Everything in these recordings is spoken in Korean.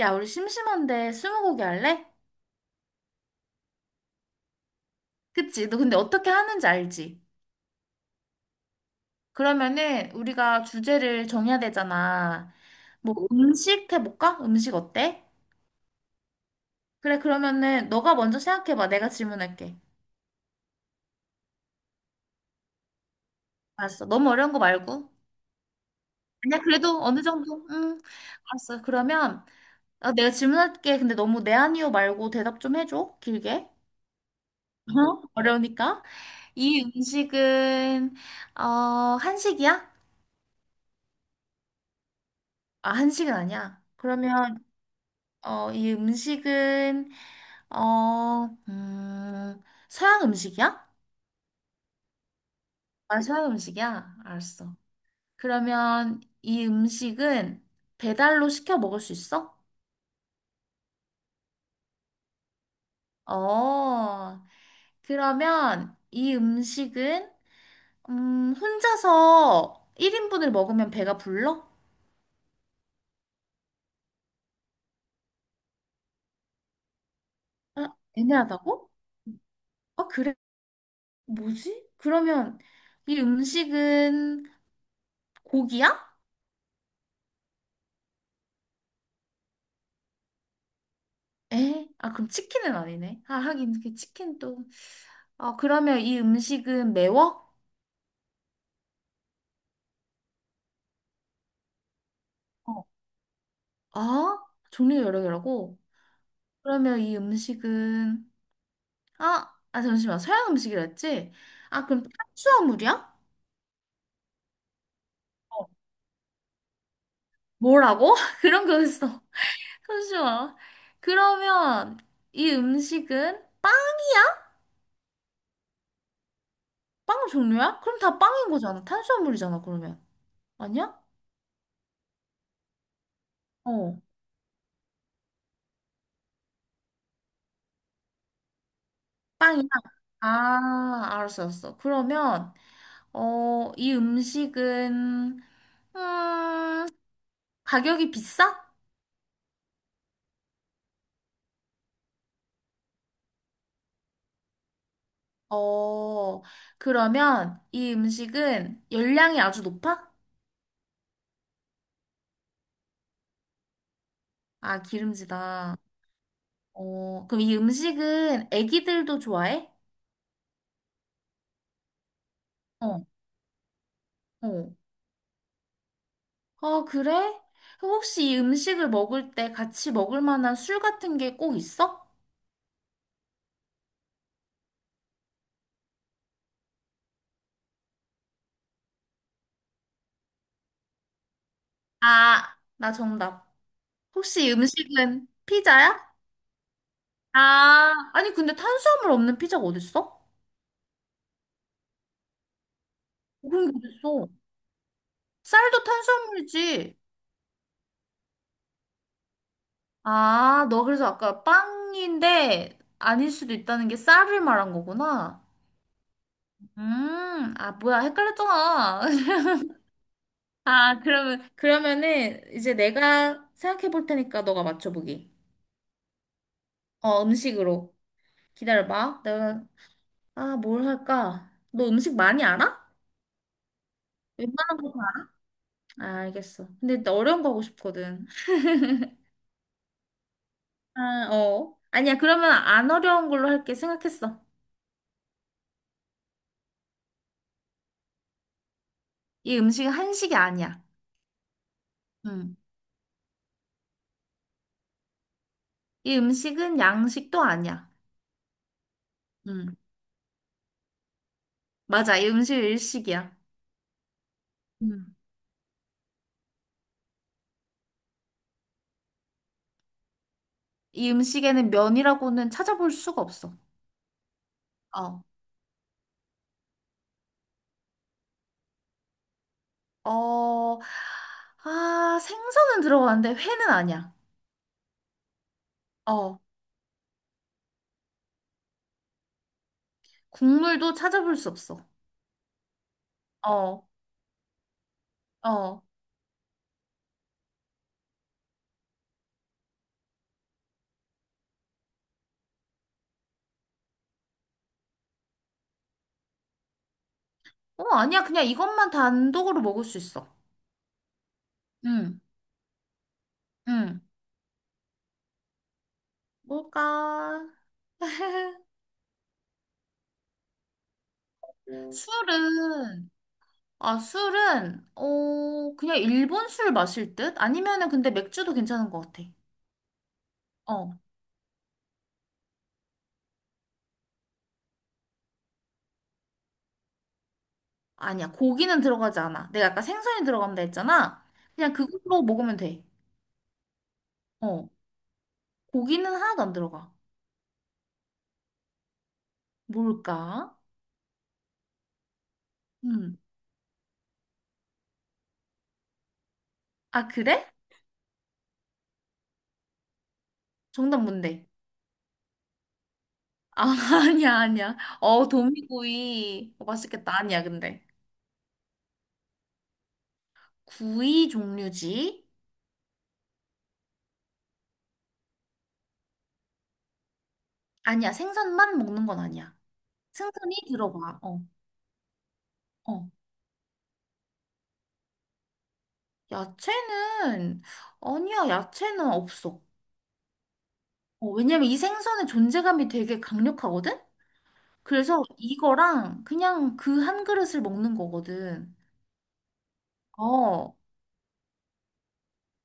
야, 우리 심심한데 스무고개 할래? 그치? 너 근데 어떻게 하는지 알지? 그러면은 우리가 주제를 정해야 되잖아. 뭐 음식 해볼까? 음식 어때? 그래, 그러면은 너가 먼저 생각해봐. 내가 질문할게. 알았어. 너무 어려운 거 말고. 아니야, 그래도 어느 정도? 응. 알았어. 그러면 내가 질문할게. 근데 너무 네 아니요 말고 대답 좀 해줘. 길게. 어? 어려우니까. 이 음식은 어, 한식이야? 아, 한식은 아니야. 그러면 이 음식은, 어, 음, 서양 음식이야? 아, 서양 음식이야? 알았어. 그러면 이 음식은 배달로 시켜 먹을 수 있어? 어, 그러면 이 음식은, 혼자서 1인분을 먹으면 배가 불러? 아, 애매하다고? 아, 그래? 뭐지? 그러면 이 음식은 고기야? 에? 아, 그럼 치킨은 아니네. 아, 하긴, 그 치킨도. 아, 그러면 이 음식은 매워? 어, 아, 종류 여러 개라고? 그러면 이 음식은, 아, 아, 잠시만. 서양 음식이라 했지? 아, 그럼 탄수화물이야? 어. 뭐라고? 그런 거였어. 잠시만. 그러면 이 음식은 빵? 빵 종류야? 그럼 다 빵인 거잖아. 탄수화물이잖아, 그러면. 아니야? 어. 빵이야? 아, 알았어, 알았어. 그러면, 이 음식은, 음, 가격이 비싸? 어, 그러면 이 음식은 열량이 아주 높아? 아, 기름지다. 어, 그럼 이 음식은 애기들도 좋아해? 어, 어. 아, 그래? 그럼 혹시 이 음식을 먹을 때 같이 먹을 만한 술 같은 게 꼭 있어? 아, 나 정답. 혹시 이 음식은 피자야? 아, 아니, 근데 탄수화물 없는 피자가 어딨어? 그런 게 어딨어? 쌀도 탄수화물이지. 아, 너 그래서 아까 빵인데 아닐 수도 있다는 게 쌀을 말한 거구나. 아, 뭐야, 헷갈렸잖아. 아, 그러면, 그러면은 이제 내가 생각해 볼 테니까 너가 맞춰보기. 어, 음식으로. 기다려봐. 내가, 아, 뭘 할까? 너 음식 많이 알아? 웬만한 거 다. 아 알겠어. 근데 나 어려운 거 하고 싶거든. 아, 어. 아니야, 그러면 안 어려운 걸로 할게. 생각했어. 이 음식은 한식이 아니야. 음. 이 음식은 양식도 아니야. 음. 맞아. 이 음식 일식이야. 음. 이 음식에는 면이라고는 찾아볼 수가 없어. 어. 어, 아, 생선은 들어가는데 회는 아니야. 어, 국물도 찾아볼 수 없어. 어, 어, 어, 아니야. 그냥 이것만 단독으로 먹을 수 있어. 응, 응. 뭘까? 술은, 아, 술은, 그냥 일본 술 마실 듯? 아니면은 근데 맥주도 괜찮은 것 같아. 어. 아니야, 고기는 들어가지 않아. 내가 아까 생선이 들어간다 했잖아. 그냥 그걸로 먹으면 돼. 어, 고기는 하나도 안 들어가. 뭘까? 음. 아, 그래? 정답 뭔데? 아, 아니야, 아니야. 어, 도미구이. 어, 맛있겠다. 아니야, 근데. 구이 종류지? 아니야, 생선만 먹는 건 아니야. 생선이 들어가. 어, 어. 야채는, 아니야, 야채는 없어. 어, 왜냐면 이 생선의 존재감이 되게 강력하거든? 그래서 이거랑 그냥 그 한 그릇을 먹는 거거든. 어,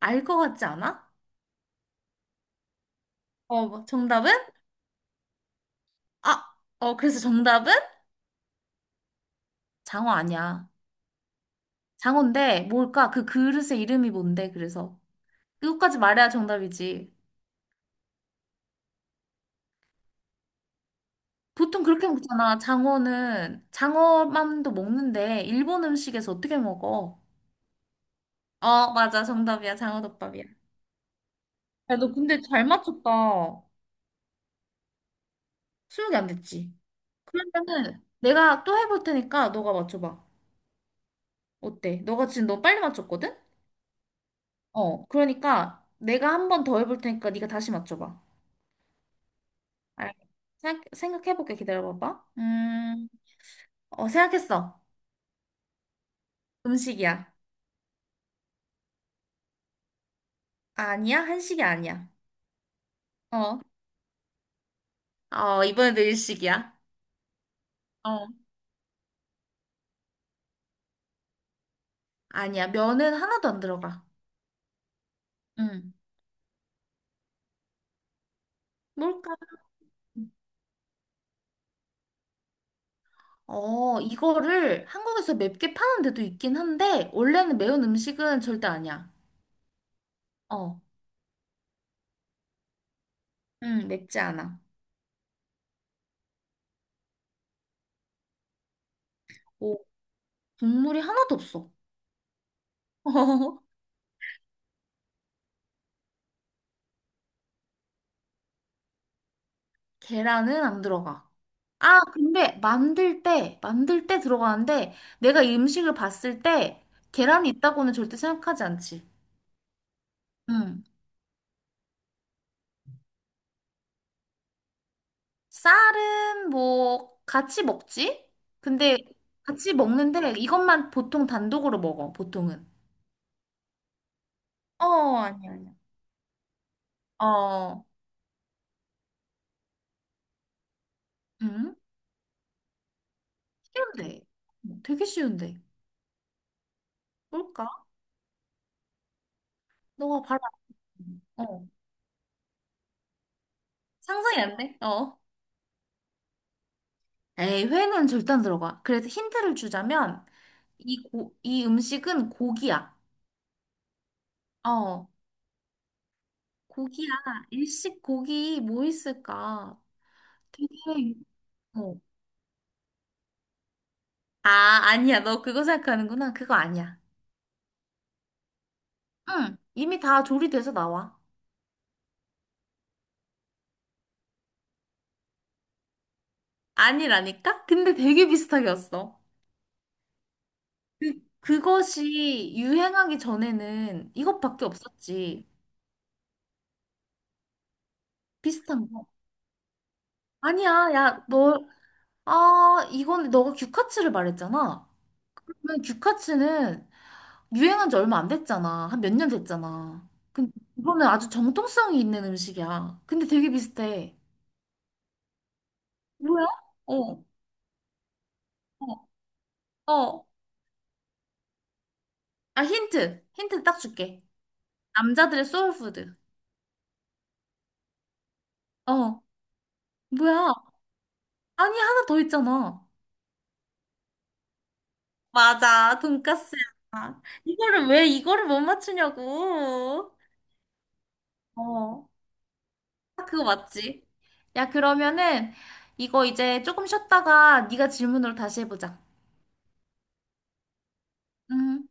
알 것 같지 않아? 어, 뭐 정답은? 아, 어, 그래서 정답은? 장어 아니야. 장어인데 뭘까? 그 그릇의 이름이 뭔데, 그래서. 그것까지 말해야 정답이지. 보통 그렇게 먹잖아. 장어는, 장어만도 먹는데, 일본 음식에서 어떻게 먹어? 어, 맞아. 정답이야. 장어덮밥이야. 야, 너 근데 잘 맞췄다. 스무 개 안 됐지? 그러면은 내가 또 해볼 테니까 너가 맞춰봐. 어때? 너가 지금 너 빨리 맞췄거든? 어, 그러니까 내가 한 번 더 해볼 테니까 네가 다시 맞춰봐. 알 생각, 생각해볼게. 기다려봐봐. 어, 생각했어. 음식이야. 아니야? 한식이 아니야. 어, 어, 이번에도 일식이야. 어, 아니야. 면은 하나도 안 들어가. 응. 뭘까? 어, 이거를 한국에서 맵게 파는 데도 있긴 한데, 원래는 매운 음식은 절대 아니야. 어, 맵지 않아. 오, 국물이 하나도 없어. 계란은 안 들어가. 아, 근데 만들 때, 만들 때 들어가는데 내가 이 음식을 봤을 때 계란이 있다고는 절대 생각하지 않지. 응. 쌀은 뭐 같이 먹지? 근데 같이 먹는데 이것만 보통 단독으로 먹어, 보통은. 어, 아니야, 아니야. 어, 응? 쉬운데. 되게 쉬운데. 뭘까? 너가 바로, 알아. 어. 상상이 안 돼? 어. 에이, 회는 절대 안 들어가. 그래서 힌트를 주자면, 이, 고, 이 음식은 고기야. 어, 고기야. 일식 고기 뭐 있을까? 되게, 어. 아, 아니야. 너 그거 생각하는구나. 그거 아니야. 응, 이미 다 조리돼서 나와. 아니라니까? 근데 되게 비슷하게 왔어. 그, 그것이 유행하기 전에는 이것밖에 없었지. 비슷한 거. 아니야. 야, 너, 아, 이건 너가 규카츠를 말했잖아. 근데 규카츠는 유행한 지 얼마 안 됐잖아. 한 몇 년 됐잖아. 근데 이거는 아주 정통성이 있는 음식이야. 근데 되게 비슷해. 뭐야? 어, 어, 어. 아, 힌트. 힌트 딱 줄게. 남자들의 소울푸드. 어, 뭐야? 아니, 하나 더 있잖아. 맞아, 돈까스야. 이거를 왜 이거를 못 맞추냐고. 어. 딱 그거 맞지? 야, 그러면은 이거 이제 조금 쉬었다가 네가 질문으로 다시 해보자. 음.